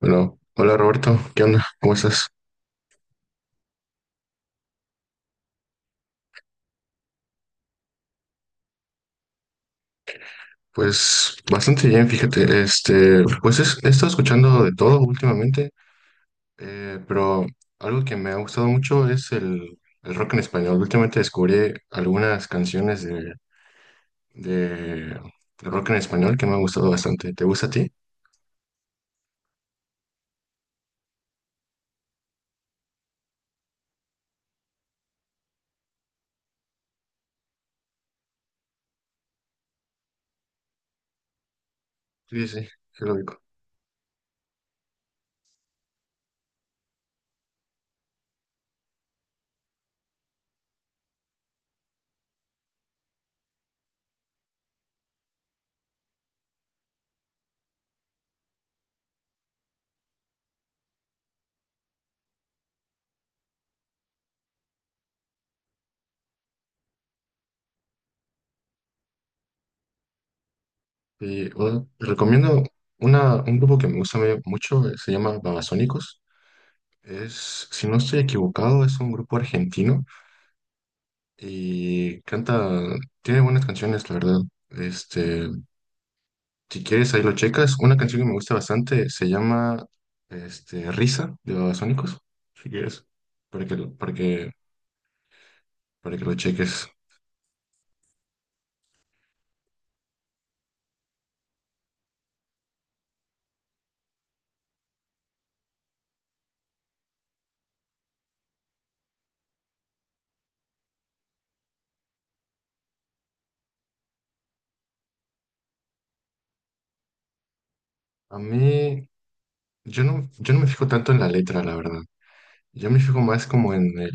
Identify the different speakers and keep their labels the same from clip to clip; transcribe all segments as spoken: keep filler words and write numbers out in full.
Speaker 1: Bueno, hola Roberto, ¿qué onda? ¿Cómo estás? Pues bastante bien, fíjate, este, pues es- he estado escuchando de todo últimamente, eh, pero algo que me ha gustado mucho es el, el rock en español. Últimamente descubrí algunas canciones de, de rock en español que me han gustado bastante. ¿Te gusta a ti? Sí, sí, sí lo digo. Y bueno, te recomiendo una, un grupo que me gusta me- mucho, eh, se llama Babasónicos. Es, si no estoy equivocado, es un grupo argentino. Y canta, tiene buenas canciones, la verdad. Este, si quieres, ahí lo checas. Una canción que me gusta bastante se llama este, Risa de Babasónicos, si quieres, para que, lo- para que, para que lo cheques. A mí, yo no, yo no me fijo tanto en la letra, la verdad. Yo me fijo más como en el,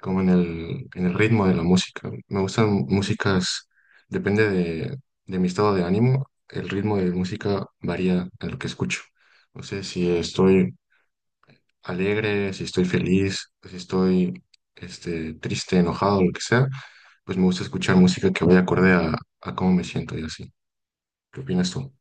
Speaker 1: como en el, en el ritmo de la música. Me gustan músicas, depende de, de mi estado de ánimo, el ritmo de música varía a lo que escucho. No sé si estoy alegre, si estoy feliz, si estoy este, triste, enojado, lo que sea, pues me gusta escuchar música que vaya acorde a, a cómo me siento y así. ¿Qué opinas tú?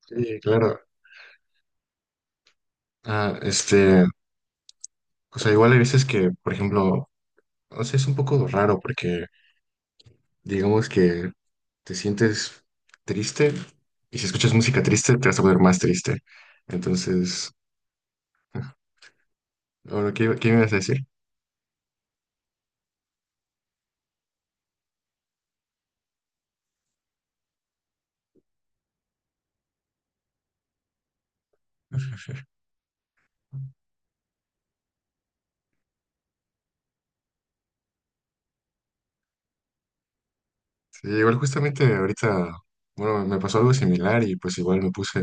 Speaker 1: Sí, claro. Ah, este, o sea, igual hay veces que, por ejemplo, no sé, es un poco raro porque digamos que te sientes triste y si escuchas música triste te vas a poner más triste. Entonces, bueno, ¿qué, qué me ibas a decir? Sí, igual justamente ahorita, bueno, me pasó algo similar y pues igual me puse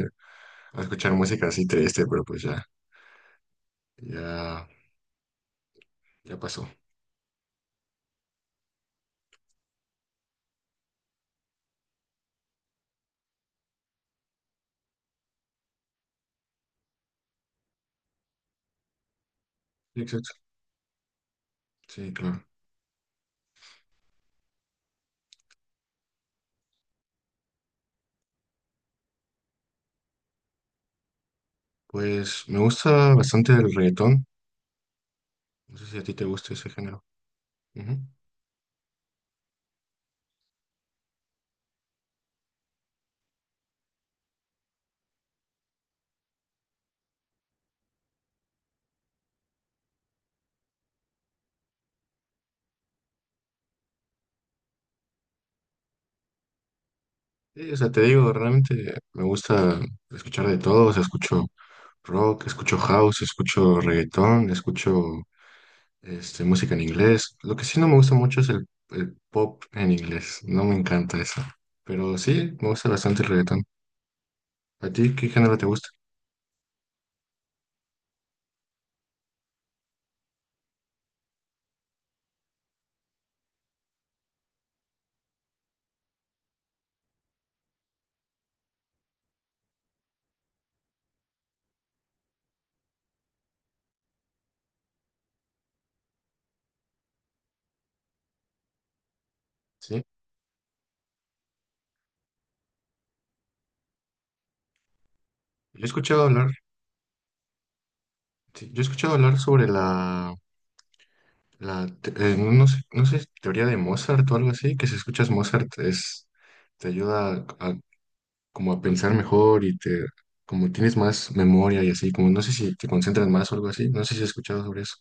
Speaker 1: a escuchar música así triste, pero pues ya, ya, ya pasó. Exacto. Sí, claro. Pues me gusta bastante el reggaetón. No sé si a ti te gusta ese género. Ujú. Sí, o sea, te digo, realmente me gusta escuchar de todo. O sea, escucho rock, escucho house, escucho reggaetón, escucho este, música en inglés. Lo que sí no me gusta mucho es el, el pop en inglés. No me encanta eso. Pero sí, me gusta bastante el reggaetón. ¿A ti qué género te gusta? Sí. Yo he escuchado hablar. Sí, yo he escuchado hablar sobre la, la te- eh, no no sé, no sé, teoría de Mozart o algo así, que si escuchas Mozart es, te ayuda a, a- como a pensar mejor y te, como tienes más memoria y así, como no sé si te concentras más o algo así, no sé si has escuchado sobre eso.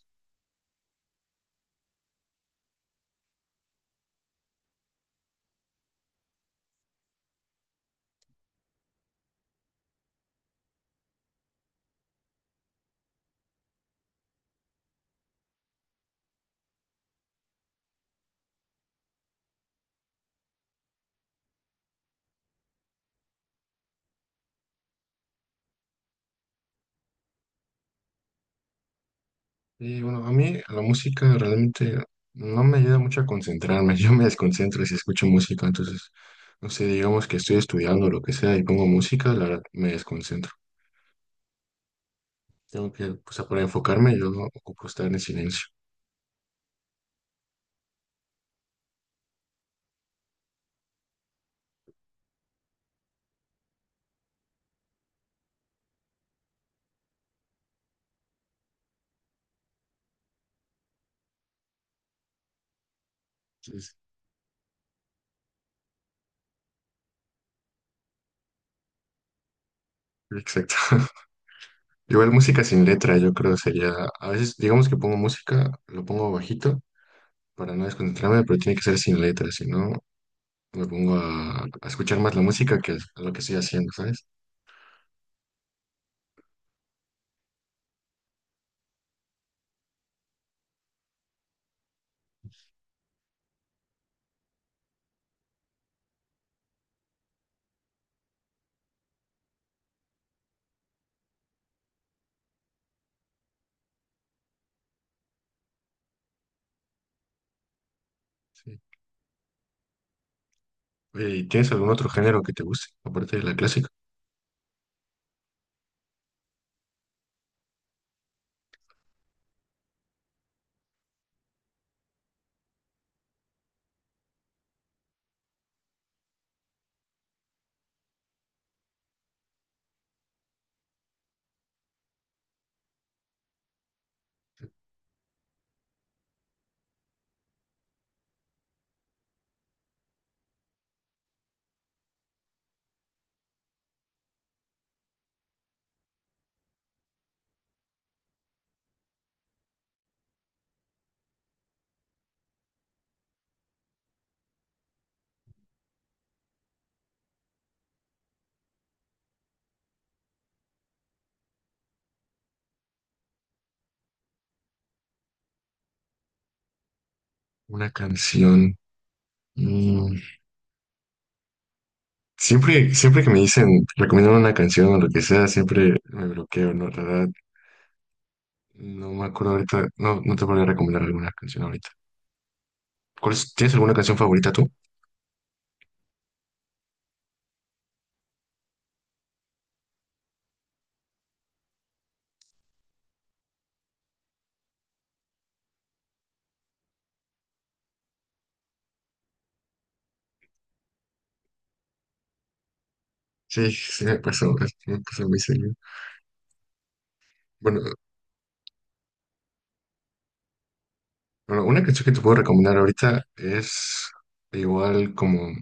Speaker 1: Y bueno, a mí la música realmente no me ayuda mucho a concentrarme, yo me desconcentro si escucho música, entonces, no sé, digamos que estoy estudiando o lo que sea y pongo música, la verdad me desconcentro. Tengo que, pues, para enfocarme, yo no ocupo estar en silencio. Exacto. Igual música sin letra, yo creo sería, a veces digamos que pongo música, lo pongo bajito para no desconcentrarme, pero tiene que ser sin letra, si no me pongo a, a escuchar más la música que a lo que estoy haciendo, ¿sabes? Sí. Oye, ¿y tienes algún otro género que te guste, aparte de la clásica? Una canción. Mm, siempre, siempre que me dicen, recomiendan una canción o lo que sea, siempre me bloqueo, ¿no? La verdad, no me acuerdo ahorita, no, no te podría recomendar alguna canción ahorita. ¿Cuál es- tienes alguna canción favorita tú? Sí, sí me pasó, sí me pasó muy seguido. Bueno, bueno, una canción que te puedo recomendar ahorita es igual como,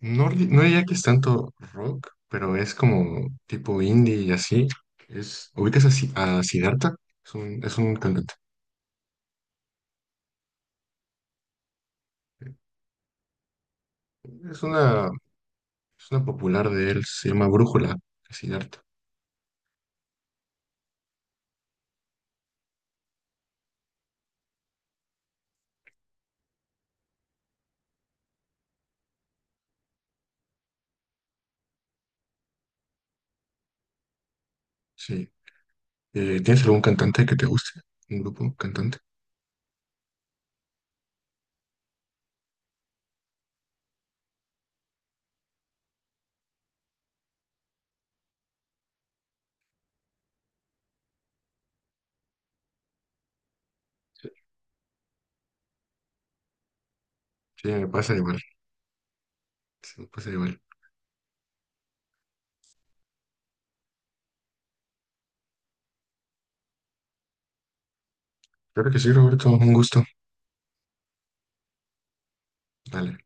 Speaker 1: no, ri- no diría que es tanto rock, pero es como tipo indie y así. Es, ubicas a, Si- a Siddhartha, es un, es un cantante. Es una, es una popular de él, se llama Brújula, Siddhartha. Sí. Eh, ¿tienes algún cantante que te guste? ¿Un grupo cantante? Sí, me pasa igual, sí, me pasa igual. Claro que sí, Roberto, un gusto. Dale.